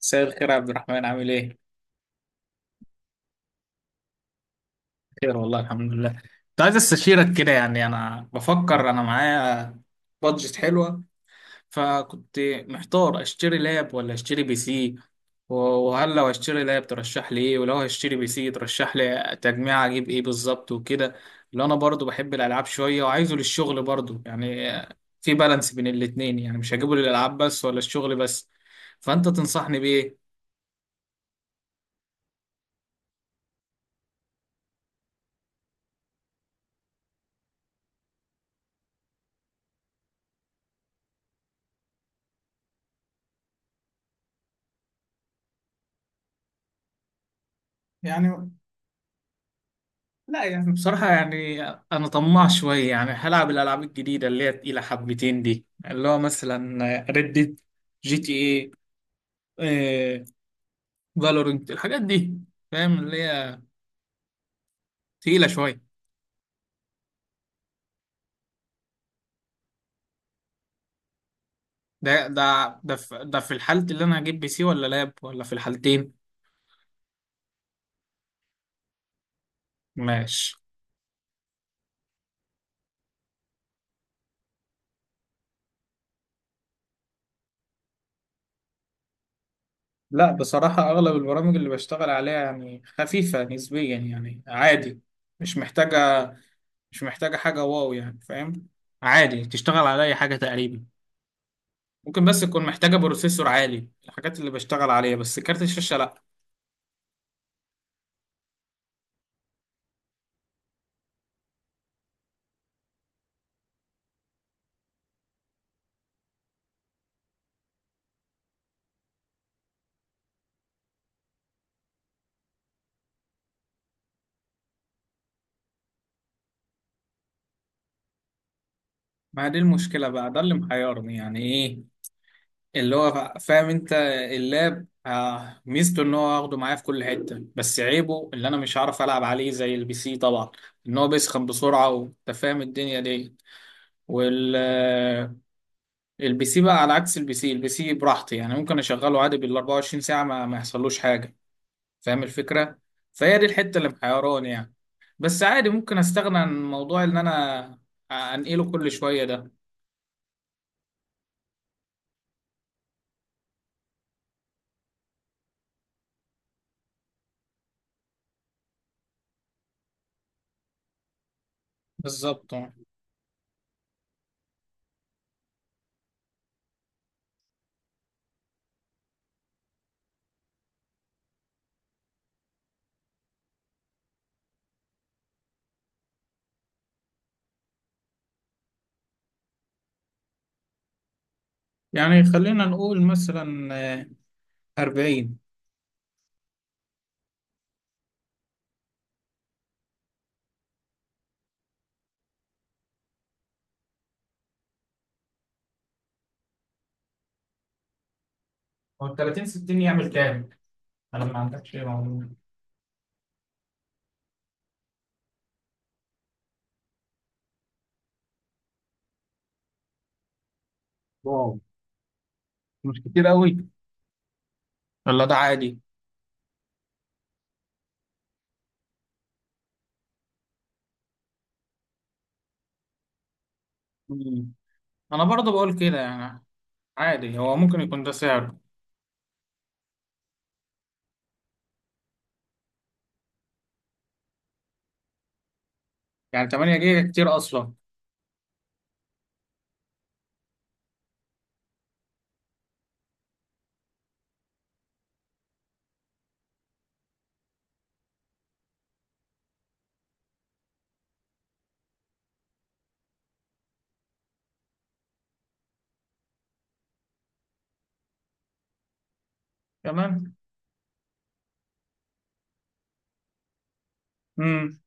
مساء الخير يا عبد الرحمن، عامل ايه؟ خير والله، الحمد لله. كنت عايز استشيرك كده، يعني انا بفكر انا معايا بادجت حلوة، فكنت محتار اشتري لاب ولا اشتري بي سي. و- وهل لو هشتري لاب ترشح لي ايه، ولو هشتري بي سي ترشح لي تجميع اجيب ايه بالظبط وكده؟ لان انا برضو بحب الالعاب شوية وعايزه للشغل برضو، يعني في بالانس بين الاتنين، يعني مش هجيبه للالعاب بس ولا الشغل بس. فانت تنصحني بايه؟ يعني لا، يعني بصراحة يعني أنا طماع شوية، يعني هلعب الألعاب الجديدة اللي هي تقيلة حبتين دي، اللي هو مثلا ريد، GTA، إيه، فالورنت، الحاجات دي فاهم اللي هي تقيلة شوية. ده ده في الحالة اللي أنا هجيب بي سي ولا لاب، ولا في الحالتين؟ ماشي. لا بصراحة أغلب البرامج اللي بشتغل عليها يعني خفيفة نسبيا، يعني عادي، مش محتاجة مش محتاجة حاجة واو، يعني فاهم، عادي تشتغل على أي حاجة تقريبا. ممكن بس تكون محتاجة بروسيسور عالي الحاجات اللي بشتغل عليها، بس كارت الشاشة لأ. ما هي دي المشكلة بقى، ده اللي محيرني، يعني إيه اللي هو فاهم أنت؟ اللاب ميزته إن هو هاخده معايا في كل حتة، بس عيبه اللي أنا مش هعرف ألعب عليه زي البي سي طبعا، إن هو بيسخن بسرعة وأنت فاهم الدنيا دي. وال آه، البي سي بقى، على عكس البي سي، البي سي براحتي، يعني ممكن أشغله عادي بال 24 ساعة ما يحصلوش حاجة، فاهم الفكرة. فهي دي الحتة اللي محيراني يعني، بس عادي ممكن استغنى عن موضوع ان انا انقله كل شوية ده. بالظبط آه. يعني خلينا نقول مثلا آه، 40. هو 30 60 يعمل كام؟ انا ما عندكش معلومة. واو، مش كتير قوي ولا ده عادي؟ مم. انا برضه بقول كده، يعني عادي، هو ممكن يكون ده سعره. يعني 8 جيجا كتير اصلا. كمان. امم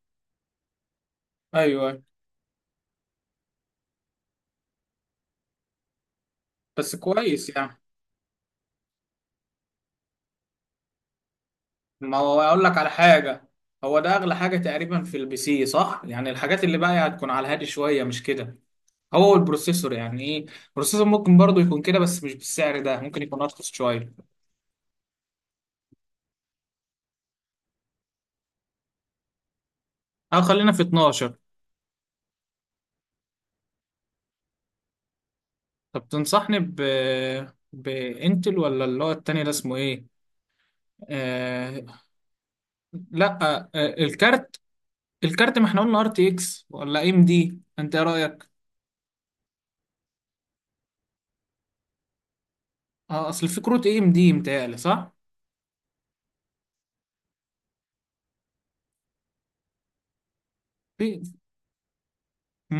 ايوه، بس كويس يعني. ما هو اقول لك على حاجه، هو ده اغلى حاجه تقريبا في البي سي، صح؟ يعني الحاجات اللي باقيه هتكون على الهادي شويه، مش كده؟ هو البروسيسور، يعني ايه البروسيسور ممكن برضو يكون كده، بس مش بالسعر ده، ممكن يكون ارخص شويه. او خلينا في 12. طب تنصحني ب بانتل ولا اللي هو التاني ده اسمه ايه؟ آه... لا. الكارت، الكارت ما احنا قلنا RTX ولا AMD، انت ايه رايك؟ اه اصل في كروت AMD متهيألي، صح؟ في.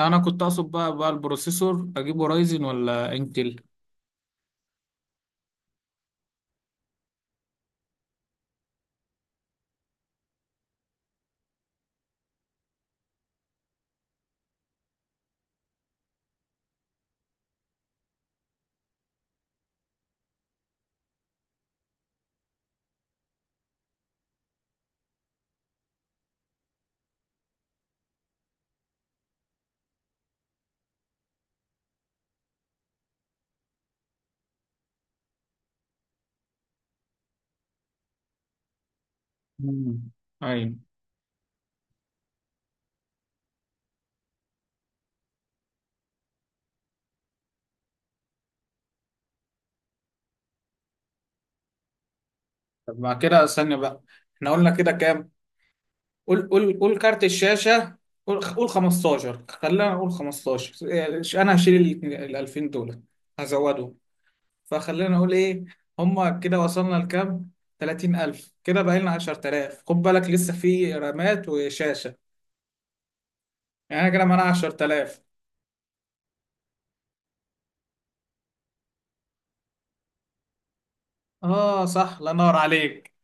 انا كنت اقصد بقى البروسيسور اجيبه رايزن ولا انتل؟ مم. ايوه. طب مع كده استنى بقى، احنا قلنا كده كام؟ قول قول قول كارت الشاشة. قول قول 15، خلينا نقول 15، يعني انا هشيل ال 2000 دول، هزودهم. فخلينا نقول ايه هما كده وصلنا لكام؟ 30000، كده بقى لنا 10000، خد بالك لسه في رامات وشاشة. يعني أنا كده معانا 10000. اه صح، الله ينور عليك.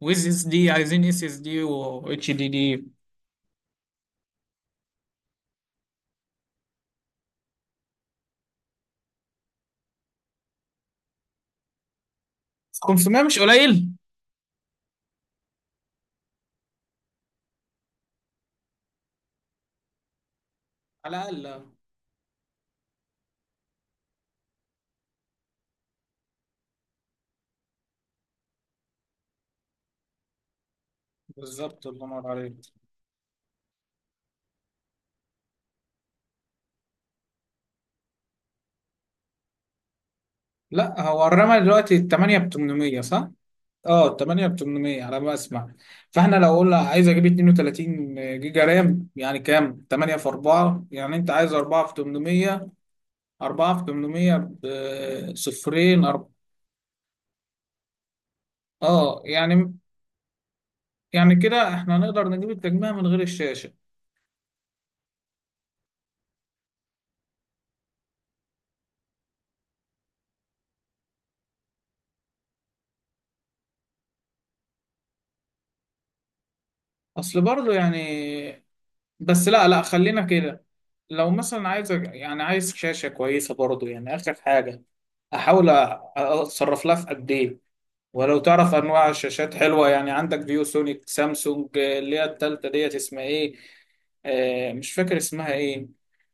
ويز اس دي، عايزين SSD و HDD. 500 مش قليل، على الاقل آه. بالظبط، الله ينور عليك. لا هو الرمى دلوقتي 8 ب 800، صح؟ اه 8 ب 800 على ما اسمع. فاحنا لو قلنا عايز اجيب 32 جيجا رام، يعني كام؟ 8 في 4، يعني انت عايز 4 في 800. 4 في 800 ب صفرين، اه يعني كده احنا نقدر نجيب التجميع من غير الشاشة. اصل برضه يعني، بس لا لا خلينا كده. لو مثلا عايز، يعني عايز شاشة كويسة برضو، يعني آخر حاجة أحاول أتصرف لها في قد إيه؟ ولو تعرف أنواع الشاشات حلوة، يعني عندك فيو سونيك، سامسونج، اللي هي التالتة ديت اسمها إيه؟ مش فاكر اسمها إيه،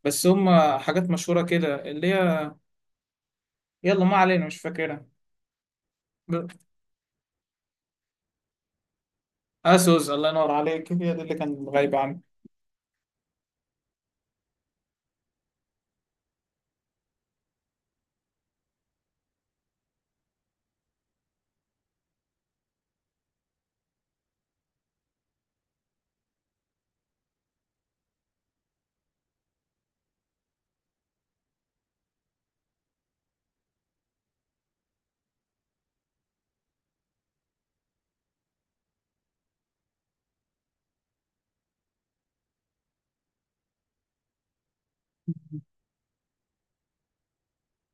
بس هم حاجات مشهورة كده اللي هي، يلا ما علينا مش فاكرها. ب- أسوس، الله ينور عليك، هي دي اللي كانت غايبة عني.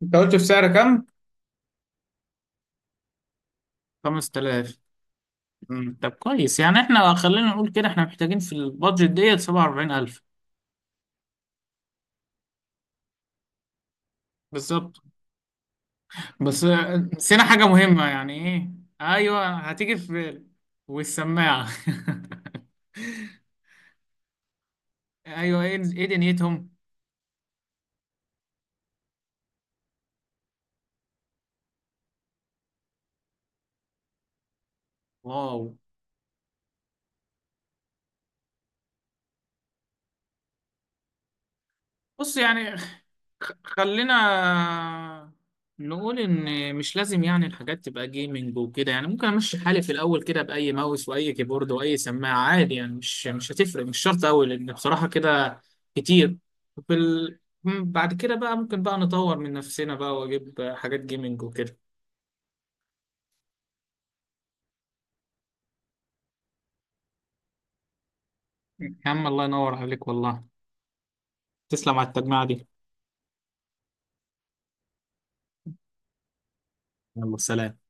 أنت قلت في سعر كام؟ 5000. مم. طب كويس، يعني احنا خلينا نقول كده احنا محتاجين في البادجت ديت 47000. بالظبط. بس نسينا حاجة مهمة، يعني ايه؟ ايوه هتيجي في بالي، والسماعة. ايوه، ايه دنيتهم. واو. بص، يعني خلينا نقول ان مش لازم يعني الحاجات تبقى جيمنج وكده، يعني ممكن امشي حالي في الاول كده، باي ماوس واي كيبورد واي سماعه عادي، يعني مش هتفرق، مش شرط قوي، لان بصراحه كده كتير. وفي بعد كده بقى ممكن بقى نطور من نفسنا بقى واجيب حاجات جيمنج وكده. يا عم الله ينور عليك والله، تسلم على التجميع دي. يلا سلام.